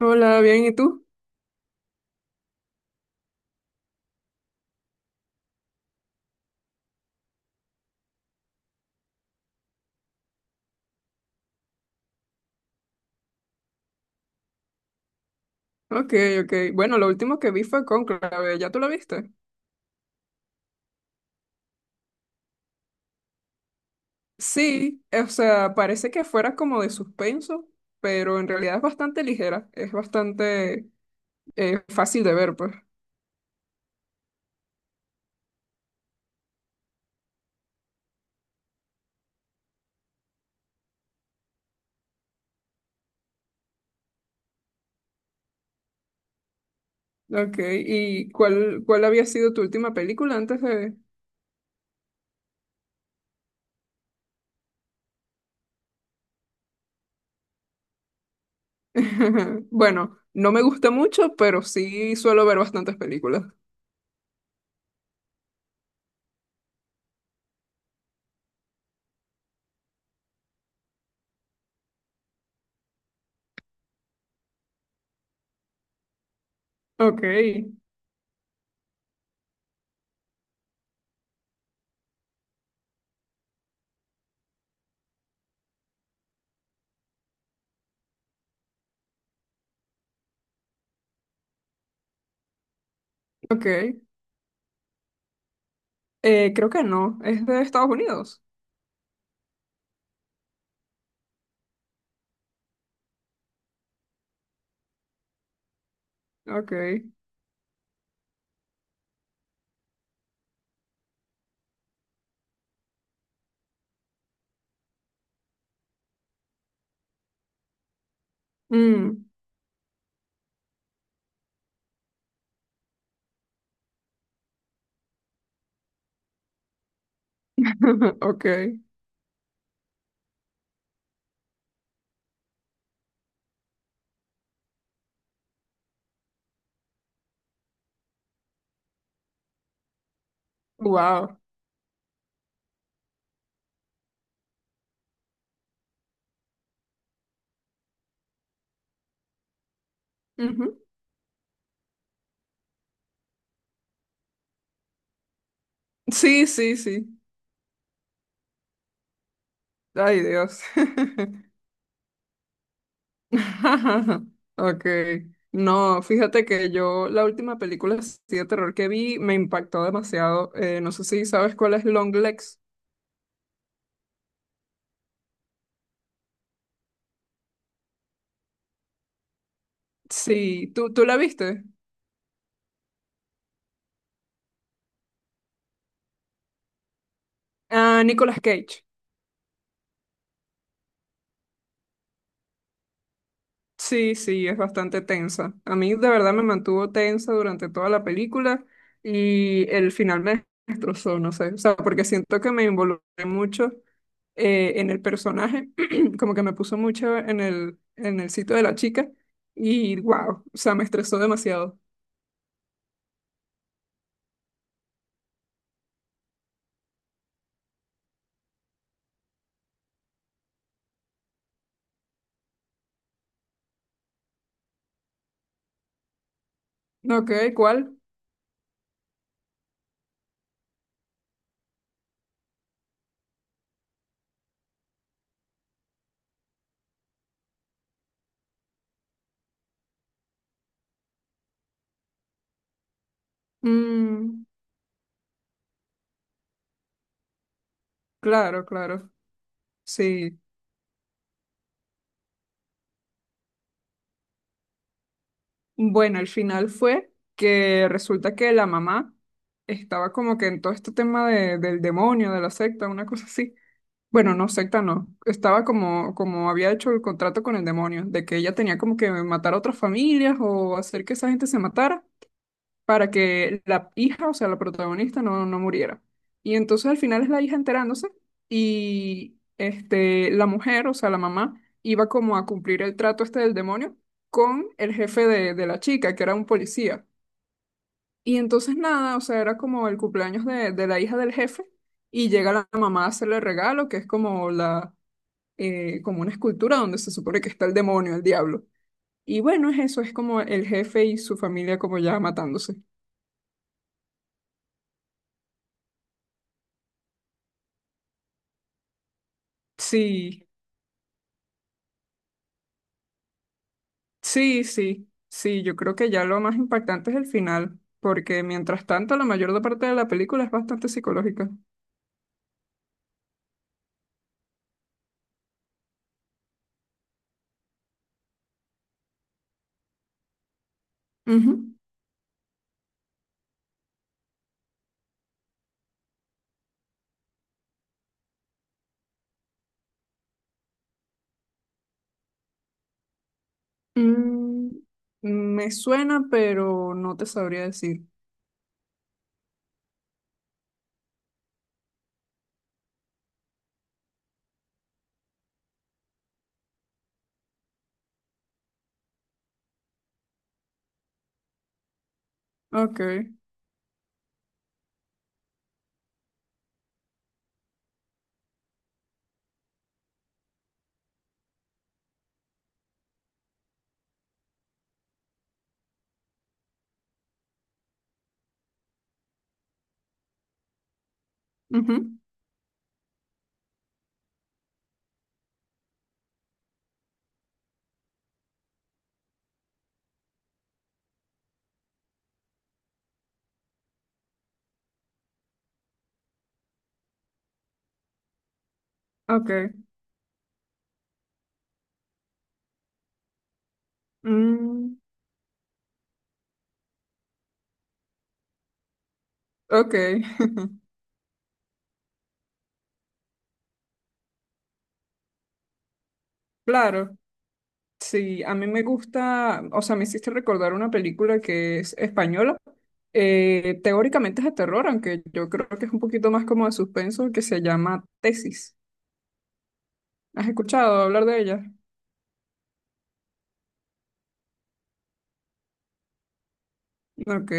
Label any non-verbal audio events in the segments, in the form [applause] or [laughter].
Hola, bien, ¿y tú? Ok, ok. Bueno, lo último que vi fue Cónclave, ¿ya tú lo viste? Sí, o sea, parece que fuera como de suspenso, pero en realidad es bastante ligera, es bastante fácil de ver, pues. Ok, ¿y cuál había sido tu última película antes de...? [laughs] Bueno, no me gusta mucho, pero sí suelo ver bastantes películas. Ok, ok. Creo que no, es de Estados Unidos. Ok. Mm. [laughs] Ok. Wow. Ujú. Sí, sí, sí. Ay, Dios. [laughs] [laughs] Ok. No, fíjate que yo la última película así de terror que vi me impactó demasiado. No sé si sabes cuál es Long Legs. Sí, ¿tú la viste? Ah, Nicolas Cage. Sí, sí, es bastante tensa. A mí de verdad me mantuvo tensa durante toda la película y el final me destrozó, no sé. O sea, porque siento que me involucré mucho en el personaje, [clears throat] como que me puso mucho en el sitio de la chica y wow, o sea, me estresó demasiado. No, ok, ¿cuál? Mm, claro, claro, sí. Bueno, el final fue que resulta que la mamá estaba como que en todo este tema del demonio, de la secta, una cosa así. Bueno, no, secta no. Estaba como, como había hecho el contrato con el demonio, de que ella tenía como que matar a otras familias o hacer que esa gente se matara para que la hija, o sea, la protagonista, no, no muriera. Y entonces al final es la hija enterándose y este, la mujer, o sea, la mamá, iba como a cumplir el trato este del demonio con el jefe de la chica, que era un policía. Y entonces nada, o sea, era como el cumpleaños de la hija del jefe y llega la mamá a hacerle el regalo, que es como la, como una escultura donde se supone que está el demonio, el diablo. Y bueno, es eso, es como el jefe y su familia como ya matándose. Sí, sí, sí, sí, yo creo que ya lo más impactante es el final, porque mientras tanto la mayor parte de la película es bastante psicológica. Ujú. Mm, me suena, pero no te sabría decir. Ok, ujú, ok, mm, ok, [laughs] claro. Sí, a mí me gusta, o sea, me hiciste recordar una película que es española. Teóricamente es de terror, aunque yo creo que es un poquito más como de suspenso, que se llama Tesis. ¿Has escuchado hablar de ella? Ok.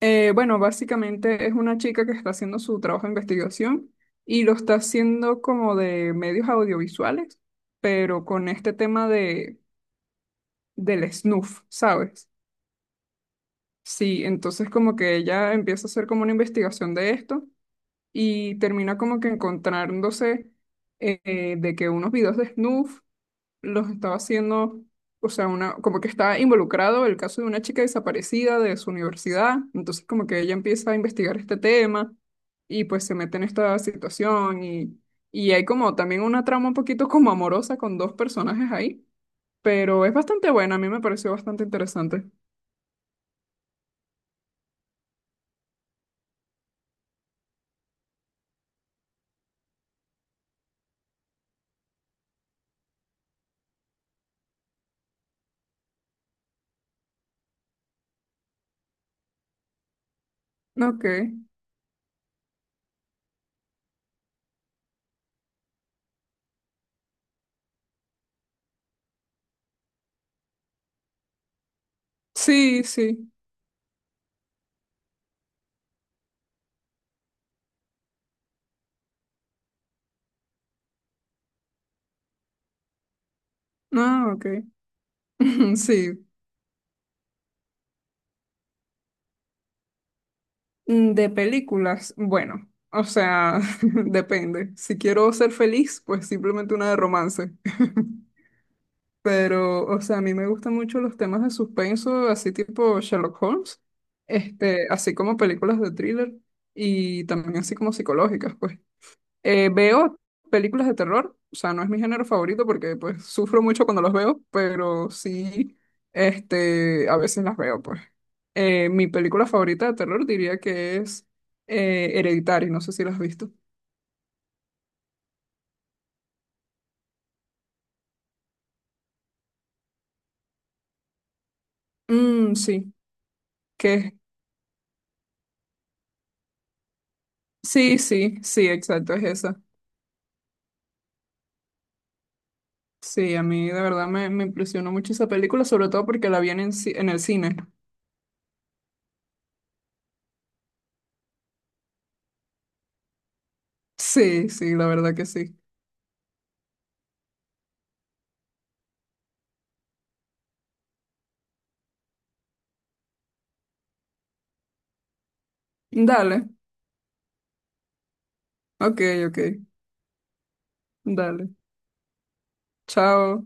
Bueno, básicamente es una chica que está haciendo su trabajo de investigación y lo está haciendo como de medios audiovisuales, pero con este tema del snuff, ¿sabes? Sí, entonces como que ella empieza a hacer como una investigación de esto y termina como que encontrándose de que unos videos de snuff los estaba haciendo, o sea, una, como que está involucrado el caso de una chica desaparecida de su universidad, entonces como que ella empieza a investigar este tema y pues se mete en esta situación y hay como también una trama un poquito como amorosa con dos personajes ahí, pero es bastante buena, a mí me pareció bastante interesante. Ok, sí, sí, ah, ok, [laughs] sí. Mm, de películas, bueno, o sea, [laughs] depende. Si quiero ser feliz, pues simplemente una de romance. [laughs] Pero, o sea, a mí me gustan mucho los temas de suspenso, así tipo Sherlock Holmes, este, así como películas de thriller y también así como psicológicas, pues. Veo películas de terror, o sea, no es mi género favorito porque pues sufro mucho cuando los veo, pero sí, este, a veces las veo, pues. Mi película favorita de terror diría que es Hereditary, no sé si la has visto. Mm, sí, que sí, sí, sí, exacto, es esa. Sí, a mí de verdad me, me impresionó mucho esa película, sobre todo porque la vi en, el en el cine. Sí, sí, la verdad que sí. Dale, ok, ok, dale. Chao.